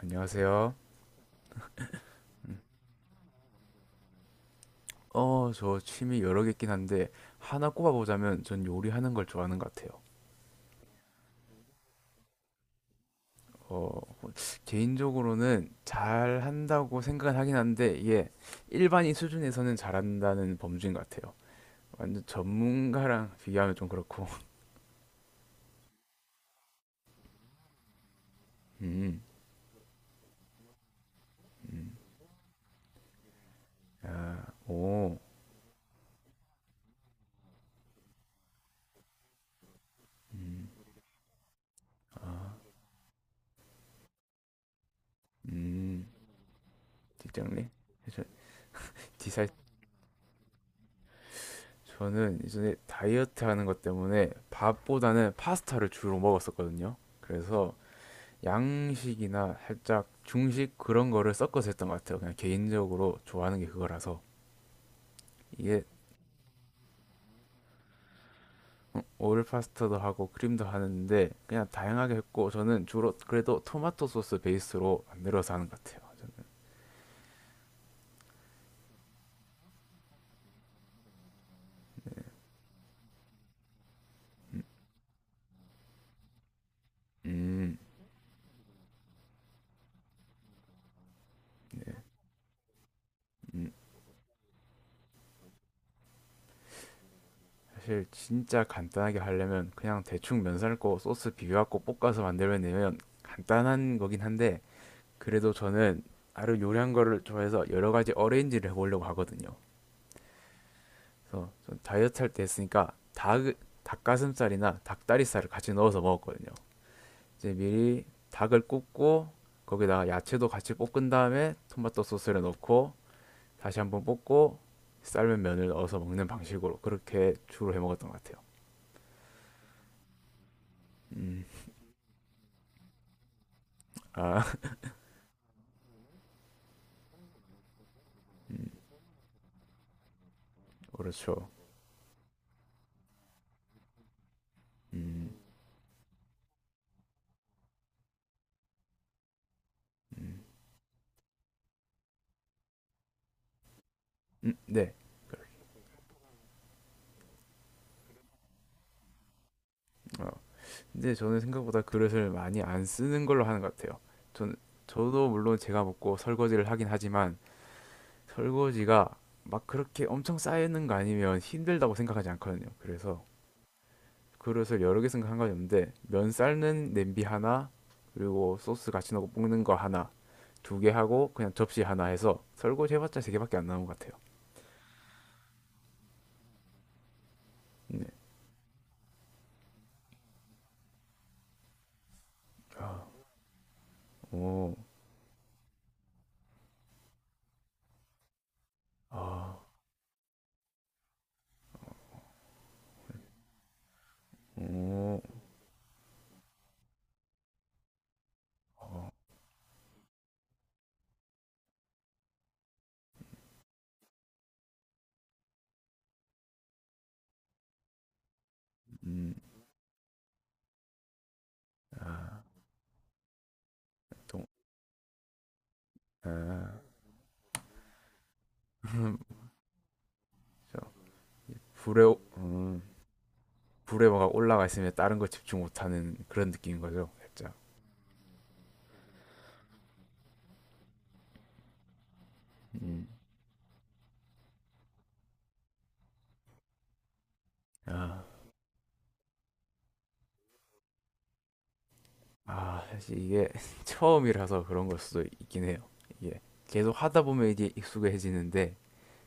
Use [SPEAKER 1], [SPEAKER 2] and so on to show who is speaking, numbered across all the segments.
[SPEAKER 1] 안녕하세요. 어, 저 취미 여러 개 있긴 한데 하나 꼽아보자면 전 요리하는 걸 좋아하는 것 같아요. 어, 개인적으로는 잘한다고 생각은 하긴 한데 이게 일반인 수준에서는 잘한다는 범주인 것 같아요. 완전 전문가랑 비교하면 좀 그렇고. 음. 아. 오. 아. 음. 뒷정리? 저- 디살. 저는 이전에 다이어트 하는 것 때문에 밥보다는 파스타를 주로 먹었었거든요. 그래서 양식이나 살짝 중식 그런 거를 섞어서 했던 것 같아요. 그냥 개인적으로 좋아하는 게 그거라서. 이게. 어, 오일 파스타도 하고 크림도 하는데 그냥 다양하게 했고 저는 주로 그래도 토마토 소스 베이스로 만들어서 하는 것 같아요. 저는. 음. 음. 사실 진짜 간단하게 하려면 그냥 대충 면 삶고 소스 비벼갖고 볶아서 만들면 되면 간단한 거긴 한데 그래도 저는 나름 요리한 거를 좋아해서 여러 가지 어레인지를 해보려고 하거든요. 그래서 다이어트 할 때 했으니까 닭가슴살이나 닭다리살을 같이 넣어서 먹었거든요. 이제 미리 닭을 굽고 거기다가 야채도 같이 볶은 다음에 토마토 소스를 넣고 다시 한번 볶고 삶은 면을 넣어서 먹는 방식으로 그렇게 주로 해 먹었던 것 같아요. 음. 아. 음. 그렇죠. 음. 음. 음. 네. 그. 어. 근데 저는 생각보다 그릇을 많이 안 쓰는 걸로 하는 것 같아요. 전, 저도 물론 제가 먹고 설거지를 하긴 하지만 설거지가 막 그렇게 엄청 쌓이는 거 아니면 힘들다고 생각하지 않거든요. 그래서 그릇을 여러 개 생각한 건 없는데 면 삶는 냄비 하나 그리고 소스 같이 넣고 볶는 거 하나 두 개 하고 그냥 접시 하나 해서 설거지 해봤자 세 개밖에 안 나온 것 같아요. 네. 아. 오. 아. 오. 어. 음. 아. 동, 아. 저 불에 오- 음, 불에 뭐가 올라가 있으면 다른 거 집중 못하는 그런 느낌인 거죠, 살짝. 음. 아. 아, 사실 이게 처음이라서 그런 걸 수도 있긴 해요. 이게 계속 하다 보면 이제 익숙해지는데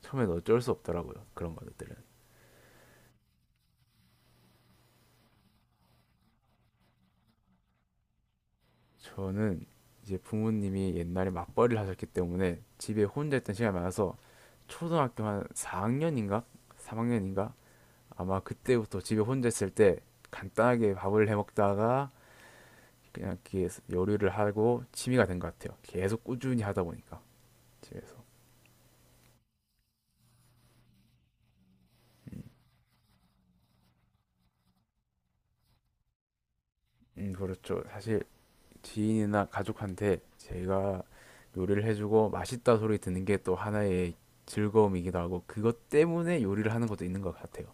[SPEAKER 1] 처음엔 어쩔 수 없더라고요. 그런 것들은. 저는 이제 부모님이 옛날에 맞벌이를 하셨기 때문에 집에 혼자 있던 시간이 많아서 초등학교 한 4학년인가? 3학년인가? 아마 그때부터 집에 혼자 있을 때 간단하게 밥을 해 먹다가 그냥 이렇게 요리를 하고 취미가 된 것 같아요. 계속 꾸준히 하다 보니까 집에서. 음. 그렇죠. 사실 지인이나 가족한테 제가 요리를 해주고 맛있다 소리 듣는 게 또 하나의 즐거움이기도 하고 그것 때문에 요리를 하는 것도 있는 것 같아요.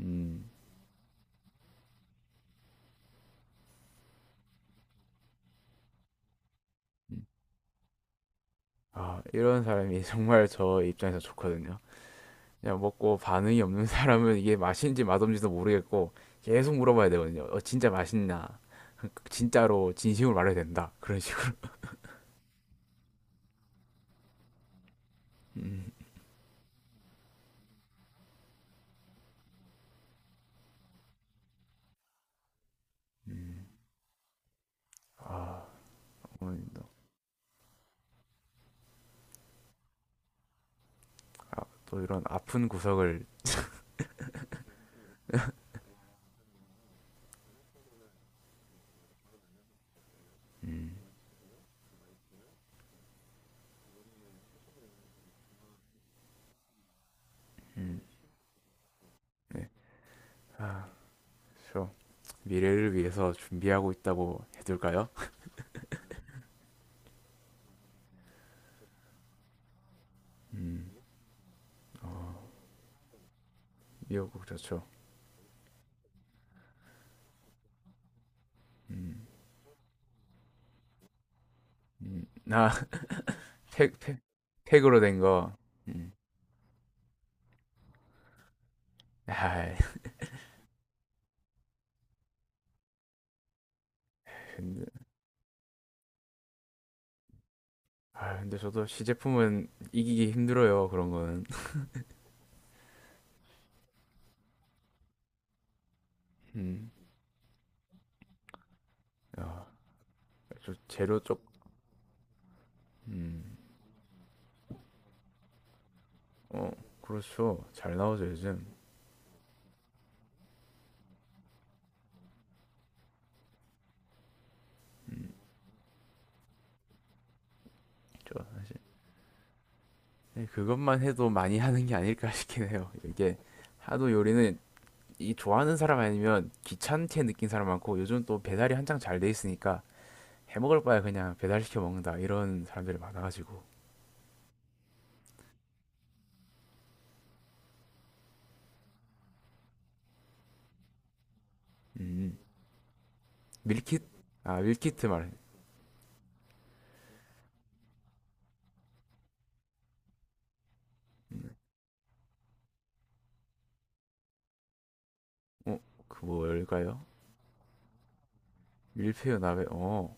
[SPEAKER 1] 음. 음. 아, 이런 사람이 정말 저 입장에서 좋거든요. 그냥 먹고 반응이 없는 사람은 이게 맛있는지 맛없는지도 모르겠고 계속 물어봐야 되거든요. 어, 진짜 맛있나? 진짜로 진심으로 말해야 된다. 그런 식으로. 음. 음. 아. 어머님도. 아, 또 이런 아픈 구석을. 음. 음. 네. 아, 좀 미래를 위해서 준비하고 있다고 해둘까요? 음. 어. 미역국 좋죠. 음. 음. 팩, 팩, 팩으로 된 거. 음. 아, 근데, 아, 근데 저도 시제품은 이기기 힘들어요. 그런 거는. 음. 아. 저 재료 쪽. 음. 어, 그렇죠. 잘 나오죠, 요즘. 음. 저 사실. 네, 그것만 해도 많이 하는 게 아닐까 싶긴 해요. 이게 하도 요리는 이 좋아하는 사람 아니면 귀찮게 느낀 사람 많고 요즘 또 배달이 한창 잘 돼 있으니까 해먹을 바에 그냥 배달시켜 먹는다 이런 사람들이 많아가지고. 음. 밀키트. 아, 밀키트 말어그. 뭘까요? 밀푀유 나베. 어.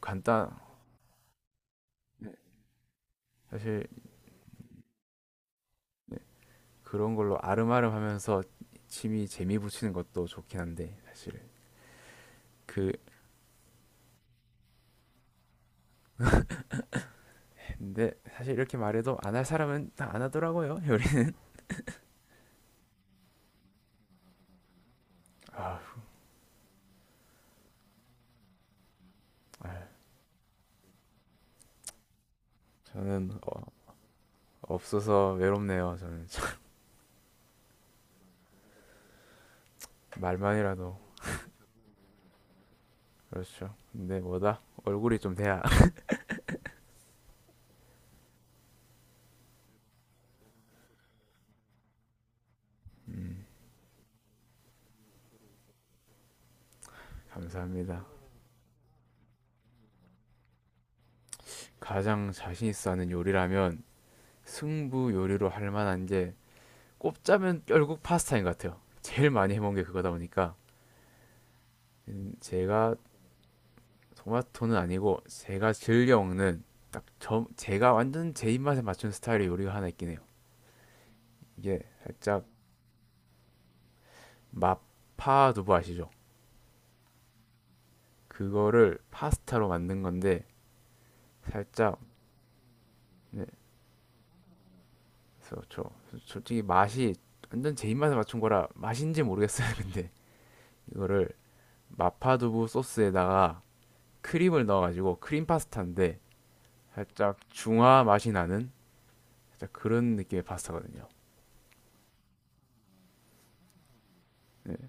[SPEAKER 1] 간단. 사실. 그런 걸로 아름아름 하면서 취미 재미 붙이는 것도 좋긴 한데 사실. 그. 근데 사실 이렇게 말해도 안 할 사람은 다 안 하더라고요, 요리는. 아. 저는. 어, 없어서 외롭네요, 저는. 말만이라도. 그렇죠. 근데 뭐다 얼굴이 좀 돼야. 음. 감사합니다. 가장 자신 있어 하는 요리라면 승부 요리로 할 만한 게 꼽자면 결국 파스타인 것 같아요. 제일 많이 해먹은 게 그거다 보니까. 음. 제가. 토마토는 아니고 제가 즐겨 먹는 딱 저 제가 완전 제 입맛에 맞춘 스타일의 요리가 하나 있긴 해요. 이게 살짝. 마파 두부 아시죠? 그거를 파스타로 만든 건데 살짝. 그래서 저 솔직히 맛이 완전 제 입맛에 맞춘 거라 맛인지 모르겠어요. 근데 이거를 마파두부 소스에다가 크림을 넣어가지고 크림 파스타인데 살짝 중화 맛이 나는 살짝 그런 느낌의 파스타거든요. 네.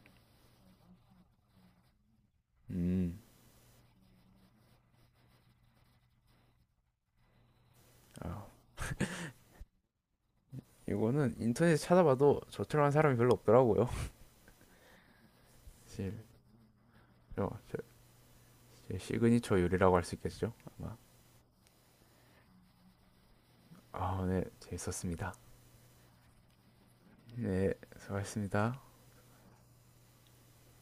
[SPEAKER 1] 음. 아, 이거는 인터넷에 찾아봐도 저처럼 한 사람이 별로 없더라고요. 사실. 어, 저- 제 시그니처 요리라고 할 수 있겠죠? 아마. 아, 네, 재밌었습니다. 네, 수고하셨습니다.